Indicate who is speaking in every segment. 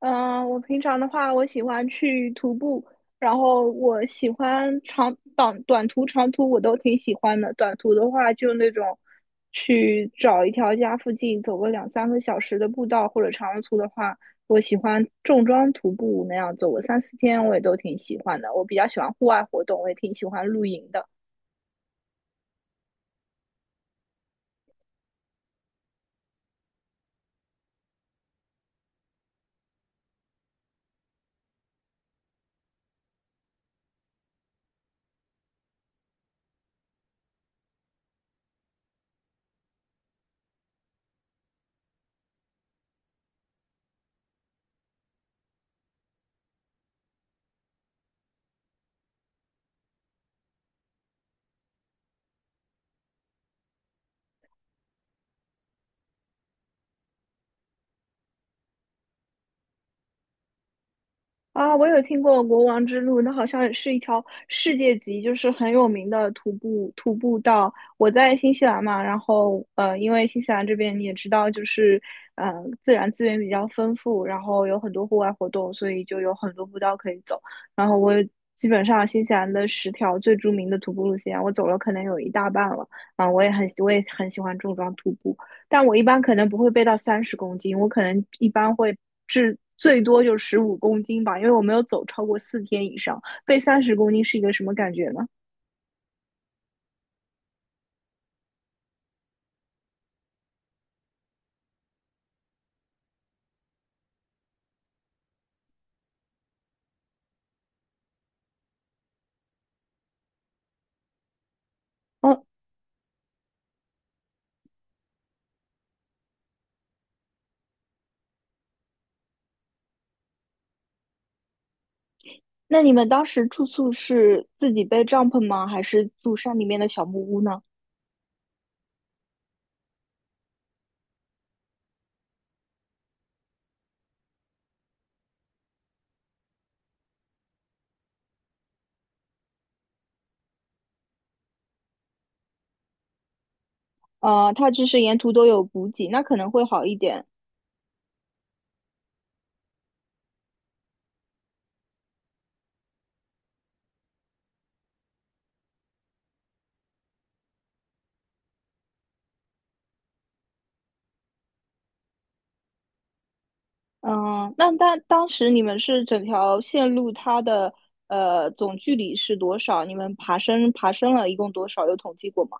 Speaker 1: 嗯，我平常的话，我喜欢去徒步，然后我喜欢短途、长途我都挺喜欢的。短途的话，就那种去找一条家附近走个两三个小时的步道，或者长途的话，我喜欢重装徒步那样走个三四天，我也都挺喜欢的。我比较喜欢户外活动，我也挺喜欢露营的。啊，我有听过国王之路，那好像是一条世界级，就是很有名的徒步道。我在新西兰嘛，然后因为新西兰这边你也知道，就是呃自然资源比较丰富，然后有很多户外活动，所以就有很多步道可以走。然后我基本上新西兰的10条最著名的徒步路线，我走了可能有一大半了。啊，我也很喜欢重装徒步。但我一般可能不会背到三十公斤，我可能一般会最多就15公斤吧，因为我没有走超过四天以上。背三十公斤是一个什么感觉呢？哦，那你们当时住宿是自己背帐篷吗？还是住山里面的小木屋呢？它就是沿途都有补给，那可能会好一点。嗯，那当时你们是整条线路它的总距离是多少？你们爬升了一共多少？有统计过吗？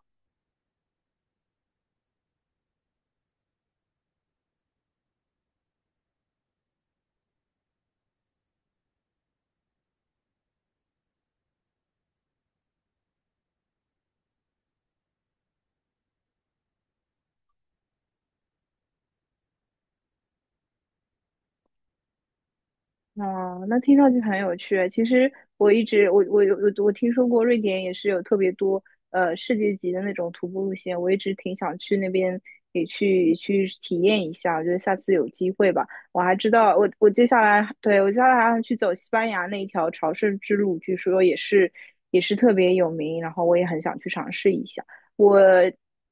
Speaker 1: 哦，那听上去很有趣。其实我一直我我有我我听说过瑞典也是有特别多世界级的那种徒步路线，我一直挺想去那边也去体验一下。我觉得下次有机会吧。我还知道，我接下来还要去走西班牙那一条朝圣之路，据说也是特别有名，然后我也很想去尝试一下。我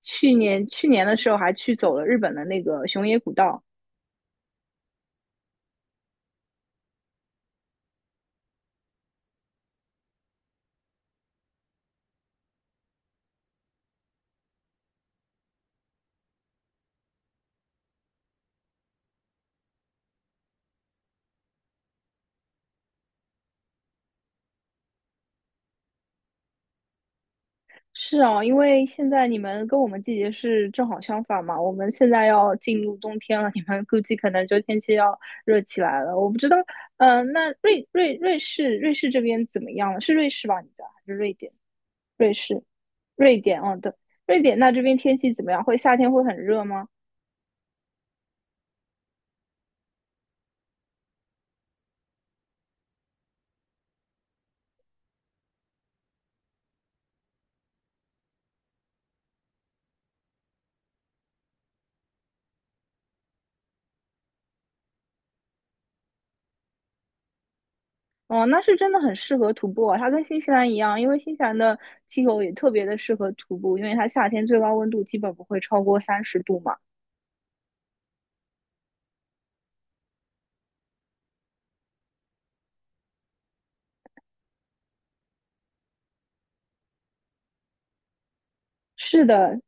Speaker 1: 去年的时候还去走了日本的那个熊野古道。是啊，因为现在你们跟我们季节是正好相反嘛，我们现在要进入冬天了，你们估计可能就天气要热起来了。我不知道，那瑞士这边怎么样了？是瑞士吧？你的还是瑞典？瑞士，瑞典，哦，对，瑞典那这边天气怎么样？会夏天会很热吗？哦，那是真的很适合徒步啊，它跟新西兰一样，因为新西兰的气候也特别的适合徒步，因为它夏天最高温度基本不会超过30度嘛。是的，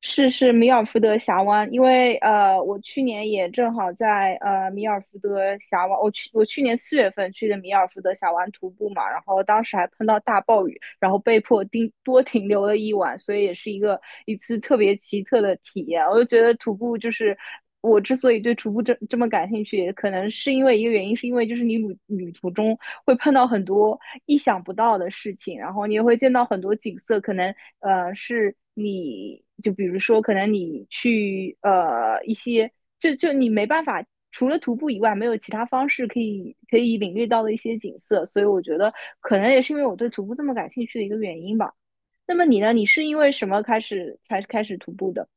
Speaker 1: 是米尔福德峡湾，因为我去年也正好在米尔福德峡湾，我去年4月份去的米尔福德峡湾徒步嘛，然后当时还碰到大暴雨，然后被迫停留了一晚，所以也是一次特别奇特的体验。我就觉得徒步就是我之所以对徒步这么感兴趣，也可能是因为一个原因，是因为就是你旅途中会碰到很多意想不到的事情，然后你也会见到很多景色，可能是你就比如说，可能你去一些就你没办法。除了徒步以外，没有其他方式可以领略到的一些景色，所以我觉得可能也是因为我对徒步这么感兴趣的一个原因吧。那么你呢？你是因为什么才开始徒步的？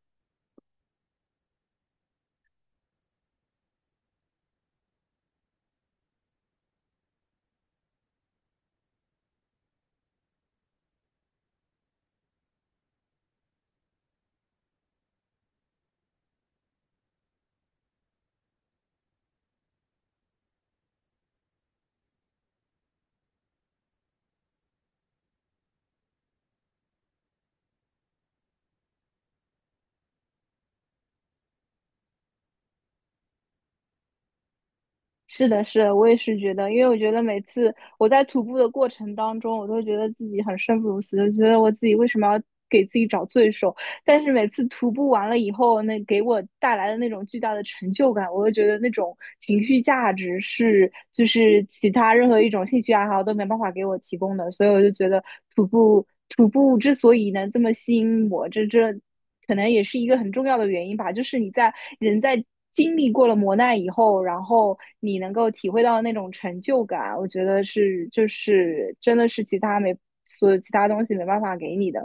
Speaker 1: 是的，是的，我也是觉得，因为我觉得每次我在徒步的过程当中，我都觉得自己很生不如死，就觉得我自己为什么要给自己找罪受？但是每次徒步完了以后，那给我带来的那种巨大的成就感，我就觉得那种情绪价值就是其他任何一种兴趣爱好都没办法给我提供的，所以我就觉得徒步之所以能这么吸引我，这可能也是一个很重要的原因吧，就是你在人在。经历过了磨难以后，然后你能够体会到那种成就感，我觉得就是真的是其他东西没办法给你的。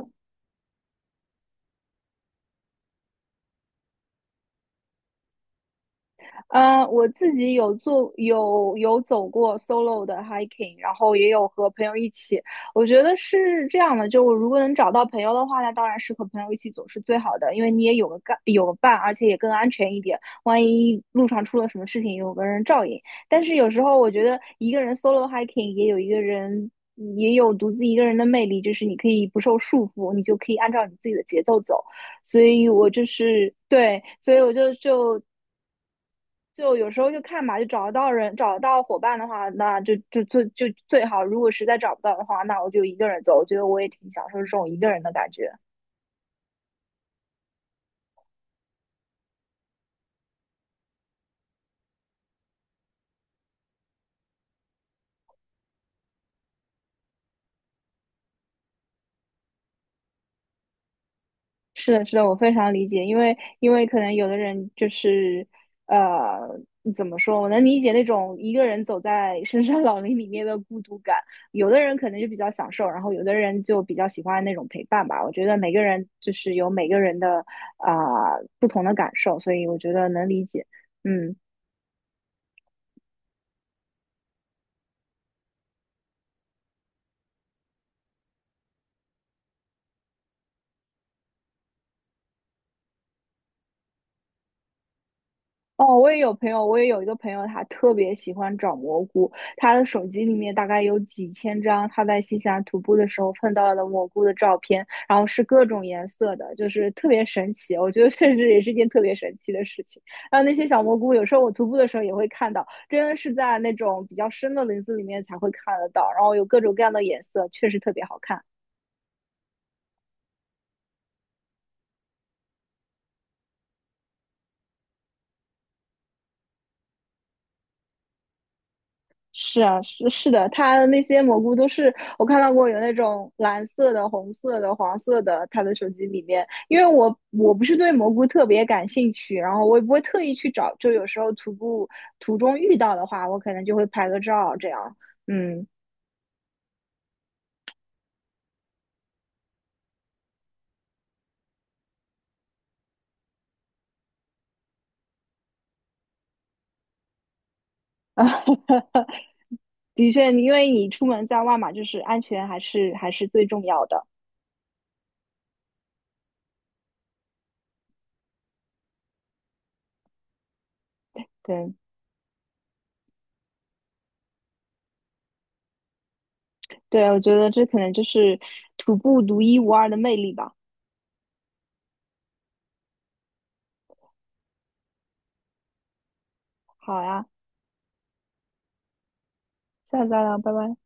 Speaker 1: 我自己有做有有走过 solo 的 hiking，然后也有和朋友一起。我觉得是这样的，就我如果能找到朋友的话，那当然是和朋友一起走是最好的，因为你也有个伴，而且也更安全一点。万一路上出了什么事情，有个人照应。但是有时候我觉得一个人 solo hiking 也有独自一个人的魅力，就是你可以不受束缚，你就可以按照你自己的节奏走。所以我就有时候就看吧，就找得到伙伴的话，那就最好。如果实在找不到的话，那我就一个人走。我觉得我也挺享受这种一个人的感觉。是的，是的，我非常理解，因为可能有的人就是，呃，怎么说？我能理解那种一个人走在深山老林里面的孤独感。有的人可能就比较享受，然后有的人就比较喜欢那种陪伴吧。我觉得每个人就是有每个人的不同的感受，所以我觉得能理解。嗯。哦，我也有一个朋友，他特别喜欢找蘑菇，他的手机里面大概有几千张他在新西兰徒步的时候碰到的蘑菇的照片，然后是各种颜色的，就是特别神奇。我觉得确实也是一件特别神奇的事情。然后那些小蘑菇，有时候我徒步的时候也会看到，真的是在那种比较深的林子里面才会看得到，然后有各种各样的颜色，确实特别好看。是啊，是的，它那些蘑菇都是我看到过有那种蓝色的、红色的、黄色的，它的手机里面。因为我不是对蘑菇特别感兴趣，然后我也不会特意去找，就有时候徒步途中遇到的话，我可能就会拍个照这样。嗯，啊，的确，因为你出门在外嘛，就是安全还是最重要的。对对，我觉得这可能就是徒步独一无二的魅力吧。好呀，下次再聊，拜拜。